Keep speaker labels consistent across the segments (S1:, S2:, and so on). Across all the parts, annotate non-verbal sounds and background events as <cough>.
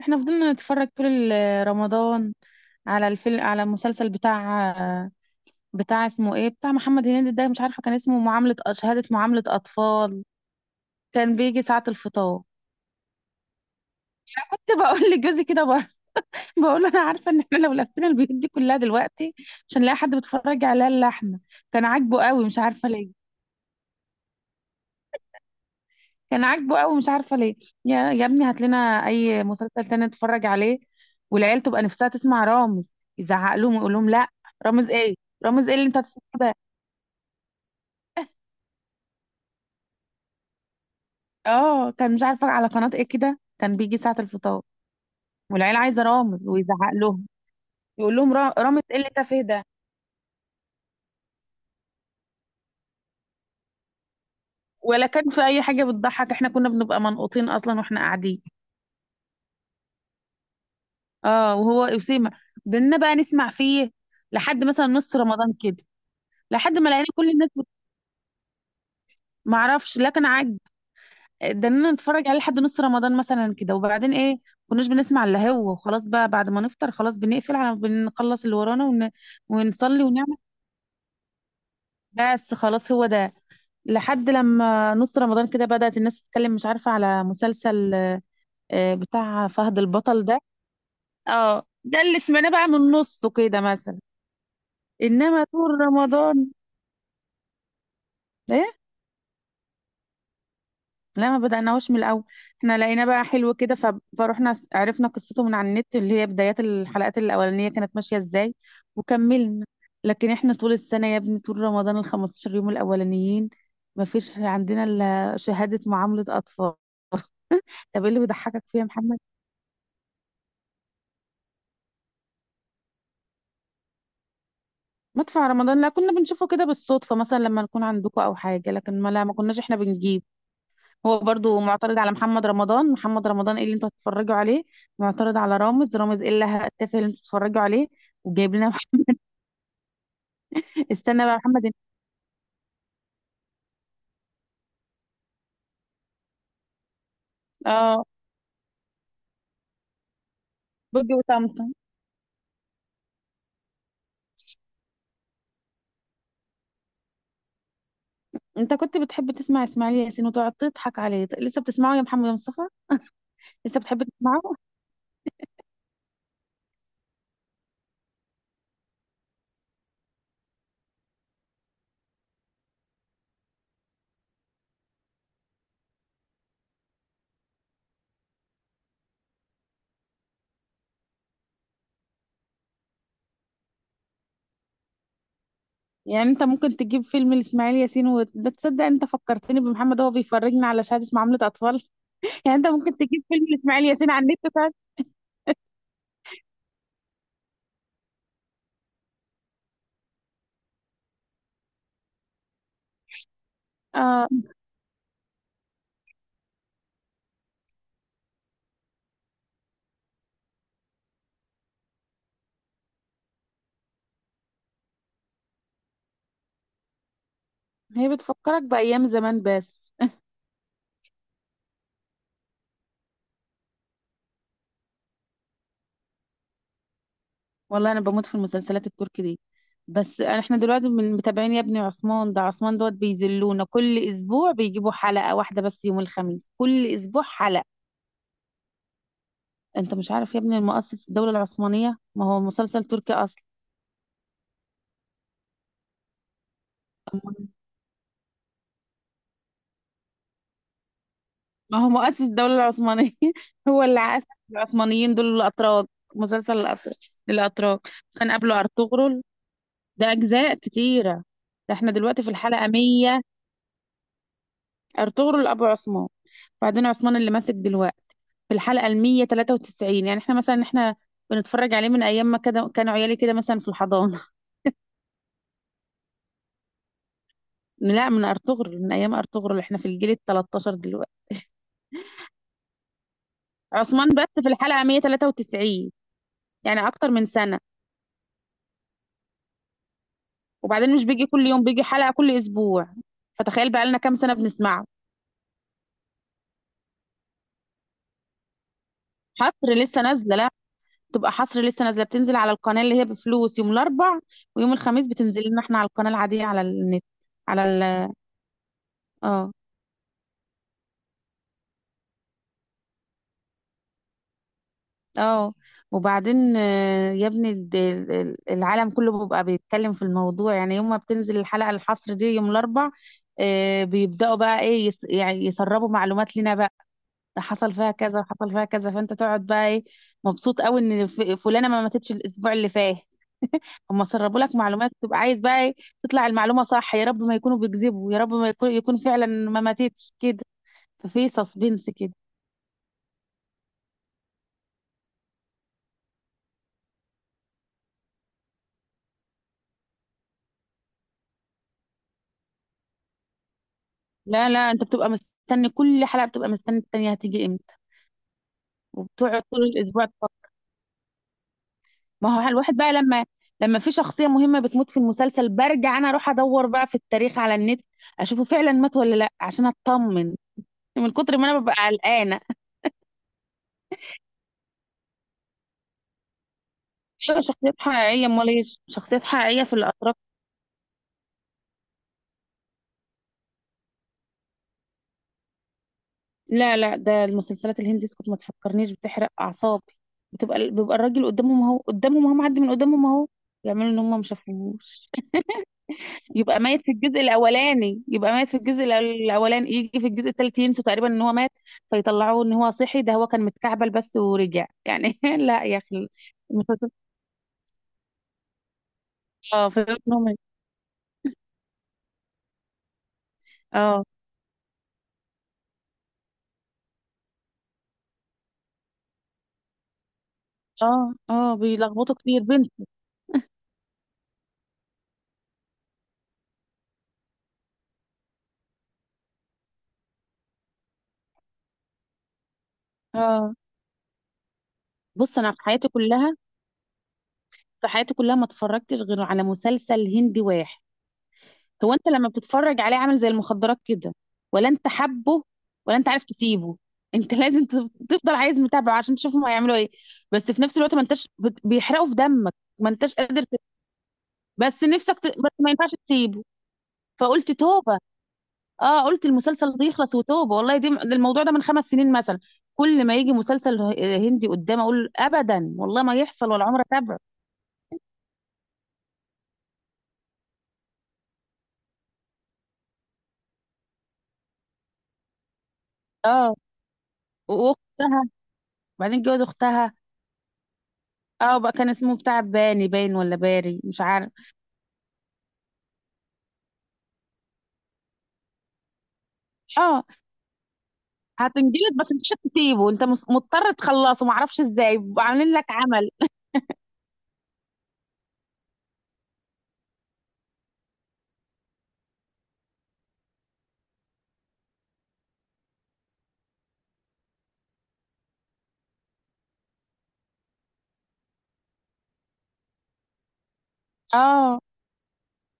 S1: احنا فضلنا نتفرج طول رمضان على الفيلم على المسلسل بتاع اسمه ايه بتاع محمد هنيدي ده مش عارفه كان اسمه معامله شهاده معامله اطفال. كان بيجي ساعه الفطار. كنت بقول <laughs> لجوزي كده بقول <laughs> بقول له انا عارفه ان احنا لو لفينا البيوت دي كلها دلوقتي مش هنلاقي حد بيتفرج عليها الا احنا. كان عاجبه قوي مش عارفه ليه. كان عاجبه قوي مش عارفه ليه. يا ابني هات لنا اي مسلسل تاني نتفرج عليه، والعيال تبقى نفسها تسمع رامز. يزعق لهم ويقول لهم لا. رامز ايه؟ رامز ايه اللي انت هتسمعه ده؟ اه، كان مش عارفه على قناه ايه كده، كان بيجي ساعه الفطار. والعيال عايزه رامز ويزعق لهم، يقول لهم رامز ايه اللي انت فيه ده؟ ولا كان في اي حاجه بتضحك، احنا كنا بنبقى منقوطين اصلا واحنا قاعدين. اه وهو اسامه بدنا بقى نسمع فيه لحد مثلا نص رمضان كده، لحد ما لقينا كل الناس معرفش، لا كان عاجب. ده انا نتفرج عليه لحد نص رمضان مثلا كده، وبعدين ايه كناش بنسمع الا هو، وخلاص بقى بعد ما نفطر خلاص بنقفل على بنخلص اللي ورانا ون... ونصلي ونعمل. بس خلاص هو ده لحد لما نص رمضان كده بدأت الناس تتكلم، مش عارفة على مسلسل آه، آه، بتاع فهد البطل ده. اه ده اللي سمعناه بقى من نصه كده مثلا. انما طول رمضان. ايه؟ لا ما بدأناهوش من الأول. احنا لقينا بقى حلو كده فروحنا عرفنا قصته من على النت، اللي هي بدايات الحلقات الأولانية كانت ماشية ازاي، وكملنا. لكن احنا طول السنة يا ابني، طول رمضان ال 15 يوم الأولانيين ما فيش عندنا إلا شهادة معاملة أطفال. <laughs> طب ايه اللي بيضحكك فيها يا محمد؟ مدفع رمضان لا، كنا بنشوفه كده بالصدفة مثلا لما نكون عندكم أو حاجة، لكن ما لا ما كناش احنا بنجيب. هو برضو معترض على محمد رمضان. محمد رمضان ايه اللي انتوا هتتفرجوا عليه؟ معترض على رامز. رامز ايه اللي هتتفق اللي انتوا هتتفرجوا عليه؟ وجايب لنا <laughs> استنى بقى محمد. اه، بوجي وطمطم. انت كنت بتحب تسمع اسماعيل ياسين وتقعد تضحك عليه، لسه بتسمعه يا محمد مصطفى؟ لسه بتحب تسمعه؟ يعني انت ممكن تجيب فيلم لاسماعيل ياسين، وده تصدق انت فكرتني بمحمد، هو بيفرجنا على شهادة معاملة اطفال. <laughs> يعني انت ممكن تجيب فيلم لاسماعيل ياسين على النت وتقعد- اه، هي بتفكرك بايام زمان بس. والله انا بموت في المسلسلات التركي دي، بس احنا دلوقتي من متابعين يا ابني عثمان ده. عثمان دوت بيذلونا كل اسبوع بيجيبوا حلقة واحدة بس يوم الخميس، كل اسبوع حلقة. انت مش عارف يا ابني المؤسس الدولة العثمانية؟ ما هو مسلسل تركي اصلا. ما هو مؤسس الدولة العثمانية. <laughs> هو اللي عاش. العثمانيين دول الاتراك، مسلسل الاتراك، الاتراك. كان قبله ارطغرل، ده اجزاء كتيرة. ده احنا دلوقتي في الحلقة 100. ارطغرل ابو عثمان، بعدين عثمان اللي ماسك دلوقتي في الحلقة المية تلاتة وتسعين. يعني احنا مثلا احنا بنتفرج عليه من ايام ما كده كانوا عيالي كده مثلا في الحضانة. <laughs> لا من ارطغرل، من ايام ارطغرل، احنا في الجيل التلتاشر دلوقتي. عثمان بس في الحلقة 193، يعني اكتر من سنة. وبعدين مش بيجي كل يوم، بيجي حلقة كل اسبوع، فتخيل بقى لنا كام سنة بنسمعه. حصر لسه نازلة، لا تبقى حصر لسه نازلة. بتنزل على القناة اللي هي بفلوس يوم الاربع، ويوم الخميس بتنزل لنا احنا على القناة العادية على النت، على ال اه. اه وبعدين آه، يا ابني العالم كله بيبقى بيتكلم في الموضوع، يعني يوم ما بتنزل الحلقة الحصر دي يوم الأربع، آه، بيبدأوا بقى ايه يس يعني يسربوا معلومات لنا بقى، ده حصل فيها كذا وحصل فيها كذا، فانت تقعد بقى ايه مبسوط قوي ان فلانة ما ماتتش الأسبوع اللي فات. هما سربوا لك معلومات، تبقى عايز بقى ايه، تطلع المعلومة صح. يا رب ما يكونوا بيكذبوا، يا رب ما يكون يكون فعلا ما ماتتش كده، ففي سسبنس كده. لا لا انت بتبقى مستني كل حلقة، بتبقى مستني التانية هتيجي امتى، وبتقعد طول الاسبوع تفكر. ما هو الواحد بقى لما لما في شخصيه مهمه بتموت في المسلسل برجع انا اروح ادور بقى في التاريخ على النت، اشوفه فعلا مات ولا لا عشان اطمن، من كتر ما انا ببقى قلقانه. ايوه شخصيات حقيقيه، امال ايه؟ شخصيات حقيقيه في الاتراك. لا لا، ده المسلسلات الهندي اسكت ما تفكرنيش، بتحرق اعصابي. بتبقى بيبقى الراجل قدامهم اهو، قدامهم اهو، معدي من قدامهم اهو، يعملوا ان هم ما شافوهوش. يبقى ميت في الجزء الاولاني، يبقى ميت في الاولاني، يجي في الجزء الثالث ينسوا تقريبا ان هو مات، فيطلعوه ان هو صحي. ده هو كان متكعبل بس ورجع يعني. <laughs> لا يا اخي. المسلسل- اه فهمت إن هو مات. اه اه اه بيلخبطوا كتير بنت. اه بص، انا في حياتي كلها، في حياتي كلها ما اتفرجتش غير على مسلسل هندي واحد. هو انت لما بتتفرج عليه عامل زي المخدرات كده، ولا انت حبه، ولا انت عارف تسيبه. <laughs> انت لازم تفضل عايز متابعه عشان تشوفهم هيعملوا ايه، بس في نفس الوقت ما انتش بيحرقوا في دمك، ما انتش قادر ت... بس نفسك ت... بس ما ينفعش تسيبه. فقلت توبه. اه قلت المسلسل ده يخلص وتوبه، والله دي ده الموضوع ده من 5 سنين مثلا. كل ما يجي مسلسل هندي قدام اقول ابدا والله ما يحصل ولا عمره تابعه. اه واختها، بعدين جوز اختها. اه بقى كان اسمه بتاع باني باين ولا باري مش عارف. اه هتنجلد، بس انت مش هتسيبه انت مضطر تخلصه، معرفش ازاي بيبقوا عاملين لك عمل. اه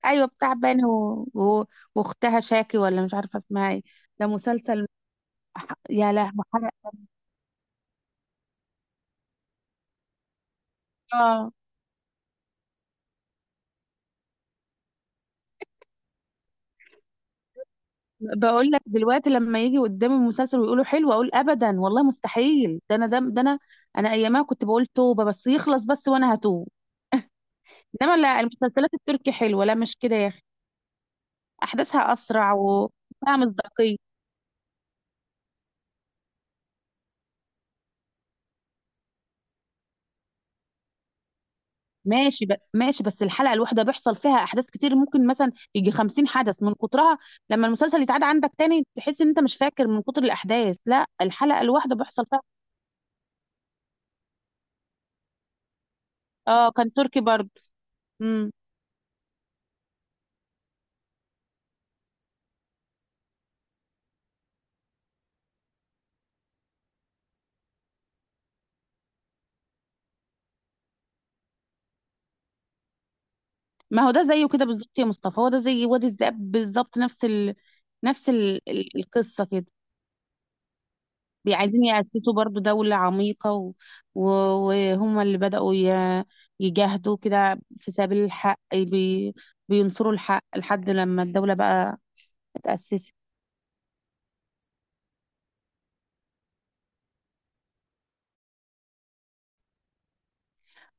S1: ايوه بتاع باني و... و... واختها شاكي ولا مش عارفه اسمها ايه. ده مسلسل يا لهوي حرق. اه بقول لك دلوقتي لما يجي قدامي المسلسل ويقولوا حلو اقول ابدا والله مستحيل، ده انا ده انا، انا ايامها كنت بقول توبه بس يخلص بس وانا هتوب. انما لا، المسلسلات التركي حلوه، لا مش كده يا اخي، احداثها اسرع وفيها مصداقيه. ماشي ب... ماشي بس الحلقة الواحدة بيحصل فيها أحداث كتير، ممكن مثلا يجي 50 حدث من كترها، لما المسلسل يتعاد عندك تاني تحس إن أنت مش فاكر من كتر الأحداث. لا الحلقة الواحدة بيحصل فيها آه، كان تركي برضه. مم. ما هو ده زيه كده بالظبط يا مصطفى، هو ده زي وادي الذئاب بالظبط، نفس ال... نفس ال... القصة كده. عايزين يأسسوا برضه دولة عميقة و... و... وهم اللي بدأوا ي... يجاهدوا كده في سبيل الحق بينصروا الحق لحد لما الدولة بقى اتأسست.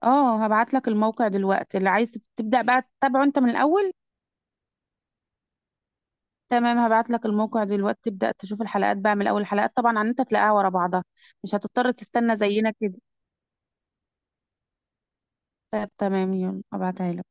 S1: اه هبعت لك الموقع دلوقتي، اللي عايز تبدأ بقى تتابعه انت من الأول. تمام هبعت لك الموقع دلوقتي، تبدأ تشوف الحلقات بقى من الأول، الحلقات طبعا عن انت تلاقيها ورا بعضها، مش هتضطر تستنى زينا كده. طب تمام يلا هبعتها لك.